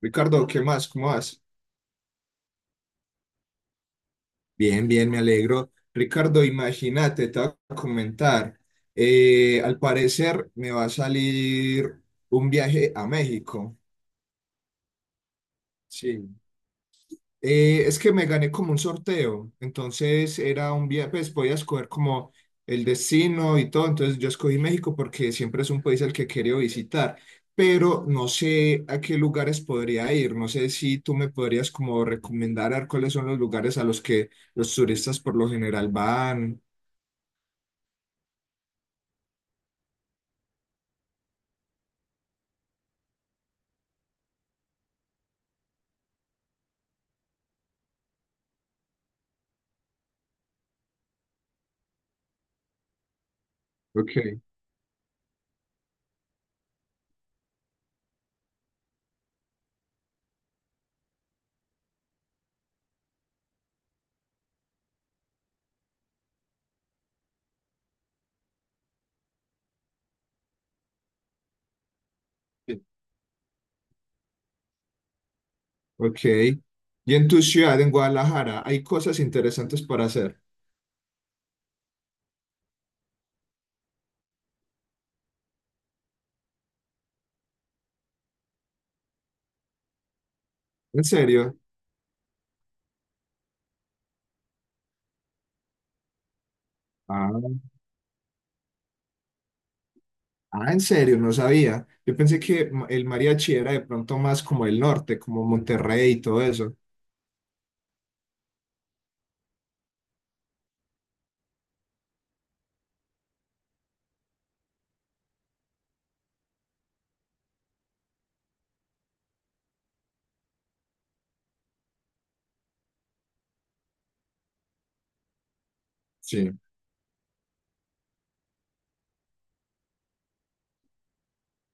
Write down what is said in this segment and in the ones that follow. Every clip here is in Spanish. Ricardo, ¿qué más? ¿Cómo vas? Bien, bien, me alegro. Ricardo, imagínate, te voy a comentar. Al parecer me va a salir un viaje a México. Sí. Es que me gané como un sorteo, entonces era un viaje, pues podía escoger como el destino y todo, entonces yo escogí México porque siempre es un país al que quería visitar, pero no sé a qué lugares podría ir, no sé si tú me podrías como recomendar a ver cuáles son los lugares a los que los turistas por lo general van. Ok. Ok. Y en tu ciudad, en Guadalajara, hay cosas interesantes para hacer. ¿En serio? Ah, en serio, no sabía. Yo pensé que el mariachi era de pronto más como el norte, como Monterrey y todo eso. Sí.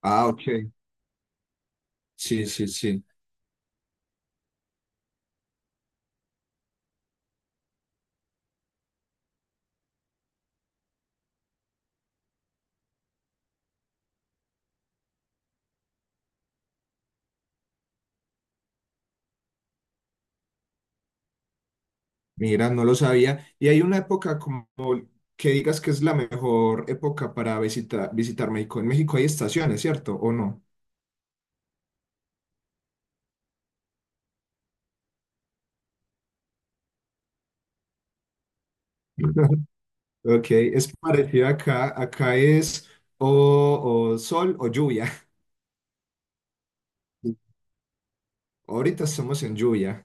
Ah, ok. Sí, sí, sí. Mira, no lo sabía. Y hay una época como que digas que es la mejor época para visitar México. En México hay estaciones, ¿cierto? ¿O no? Ok, es parecido acá. Acá es o sol o lluvia. Ahorita estamos en lluvia.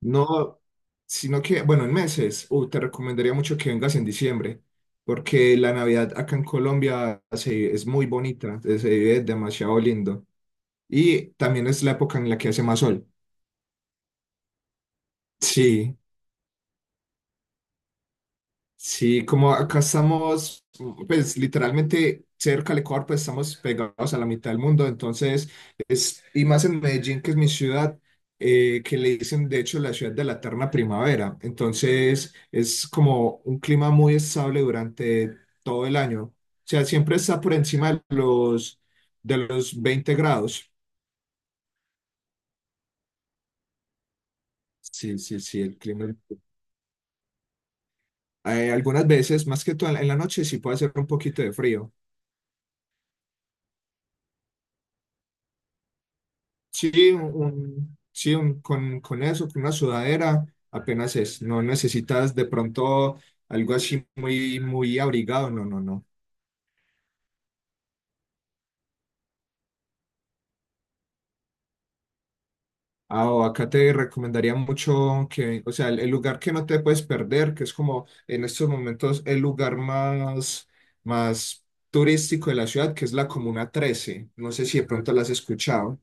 No, sino que, bueno, en meses, te recomendaría mucho que vengas en diciembre, porque la Navidad acá en Colombia es muy bonita, se vive demasiado lindo. Y también es la época en la que hace más sol. Sí. Sí, como acá estamos, pues literalmente cerca del Ecuador, pues estamos pegados a la mitad del mundo, entonces es, y más en Medellín, que es mi ciudad, que le dicen de hecho la ciudad de la eterna primavera, entonces es como un clima muy estable durante todo el año, o sea, siempre está por encima de de los 20 grados. Sí, sí, sí, el clima. Algunas veces, más que todo en la noche, sí puede hacer un poquito de frío. Sí, con eso, con una sudadera, apenas es. No necesitas de pronto algo así muy, muy abrigado, no, no, no. Ah, o acá te recomendaría mucho que, o sea, el lugar que no te puedes perder, que es como en estos momentos el lugar más turístico de la ciudad, que es la Comuna 13. No sé si de pronto la has escuchado.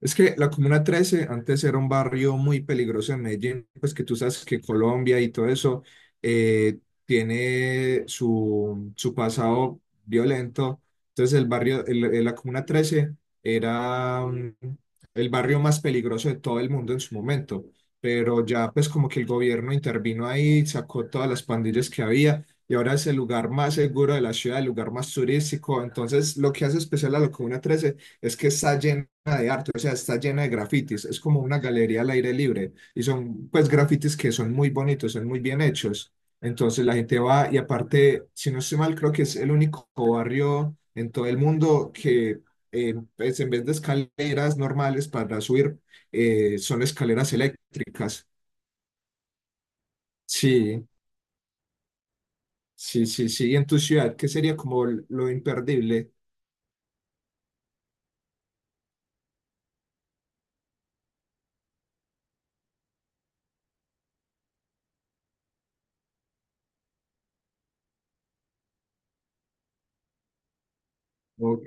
Es que la Comuna 13 antes era un barrio muy peligroso en Medellín, pues que tú sabes que Colombia y todo eso eh, tiene su pasado violento. Entonces el barrio, el- la Comuna 13 era el barrio más peligroso de todo el mundo en su momento, pero ya pues como que el gobierno intervino ahí, sacó todas las pandillas que había y ahora es el lugar más seguro de la ciudad, el lugar más turístico. Entonces lo que hace especial a la Comuna 13 es que está lleno o sea, está llena de grafitis, es como una galería al aire libre y son pues grafitis que son muy bonitos, son muy bien hechos. Entonces la gente va y aparte, si no estoy mal, creo que es el único barrio en todo el mundo que pues, en vez de escaleras normales para subir, son escaleras eléctricas. Sí, sí, sí, sí. Y en tu ciudad, ¿qué sería como lo imperdible? Ok.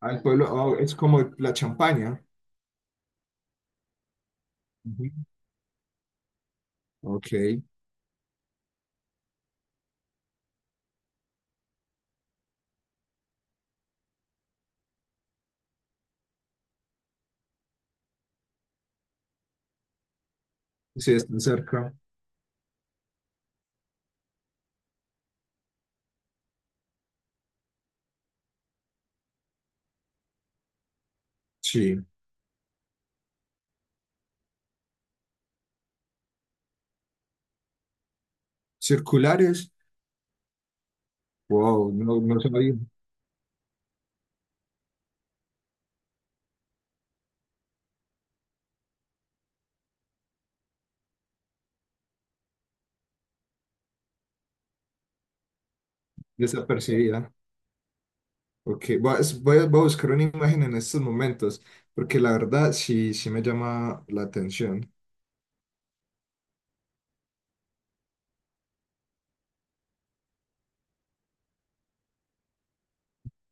Al pueblo, oh, es como la champaña. Ujú. Ok, sí, están cerca. Sí. Circulares. Wow, no, no soy desapercibida. Ok, voy a buscar una imagen en estos momentos, porque la verdad sí, sí me llama la atención.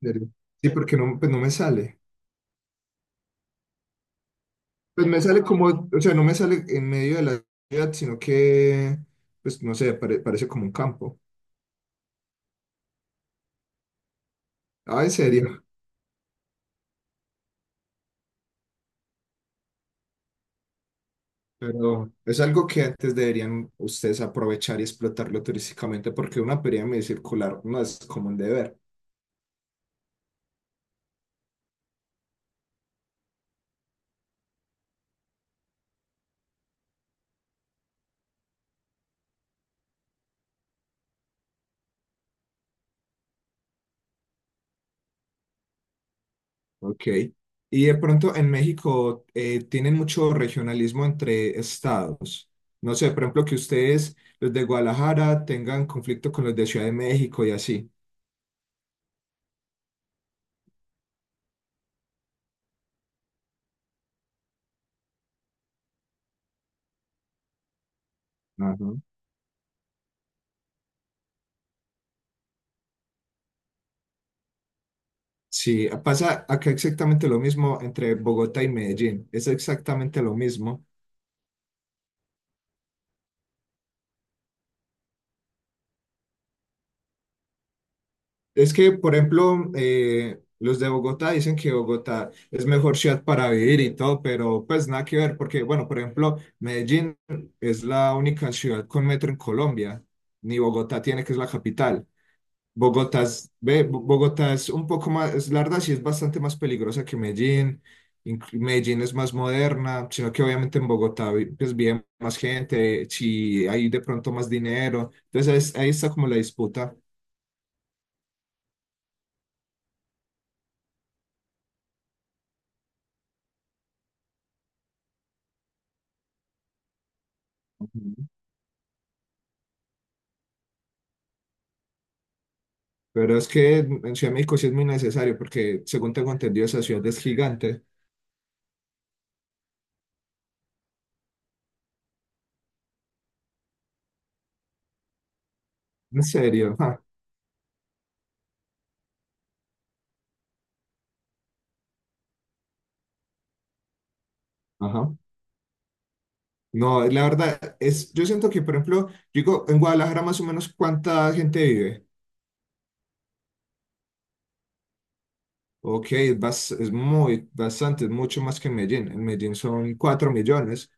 Serio. Sí, porque no, pues no me sale. Pues me sale como, o sea, no me sale en medio de la ciudad, sino que, pues no sé, parece como un campo. Ah, en serio. Pero es algo que antes deberían ustedes aprovechar y explotarlo turísticamente, porque una pirámide circular no es común de ver. Ok. Y de pronto en México tienen mucho regionalismo entre estados. No sé, por ejemplo, que ustedes, los de Guadalajara, tengan conflicto con los de Ciudad de México y así. Ajá. Sí, pasa acá exactamente lo mismo entre Bogotá y Medellín. Es exactamente lo mismo. Es que, por ejemplo, los de Bogotá dicen que Bogotá es mejor ciudad para vivir y todo, pero pues nada que ver, porque, bueno, por ejemplo, Medellín es la única ciudad con metro en Colombia, ni Bogotá tiene, que es la capital. Bogotá es un poco más, es la verdad, sí es bastante más peligrosa que Medellín. Medellín es más moderna, sino que obviamente en Bogotá pues vive más gente, si hay de pronto más dinero. Entonces ahí está como la disputa. Pero es que en Ciudad de México sí es muy necesario porque, según tengo entendido, esa ciudad es gigante. En serio. Ah. Ajá. No, la verdad es, yo siento que, por ejemplo, yo digo, en Guadalajara más o menos cuánta gente vive. Ok, es, es muy, bastante, es mucho más que en Medellín. En Medellín son 4 millones.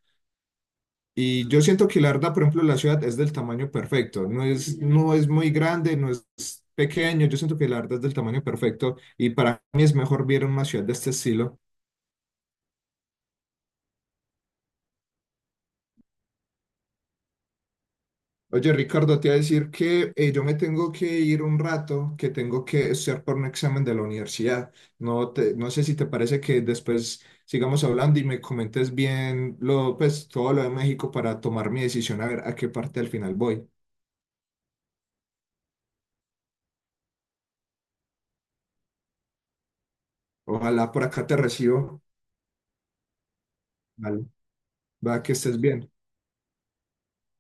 Y yo siento que la verdad, por ejemplo, la ciudad es del tamaño perfecto. No es muy grande, no es pequeño. Yo siento que la verdad es del tamaño perfecto. Y para mí es mejor vivir en una ciudad de este estilo. Oye, Ricardo, te iba a decir que yo me tengo que ir un rato, que tengo que estudiar por un examen de la universidad. No sé si te parece que después sigamos hablando y me comentes bien pues, todo lo de México para tomar mi decisión, a ver a qué parte al final voy. Ojalá por acá te recibo. Vale, va que estés bien.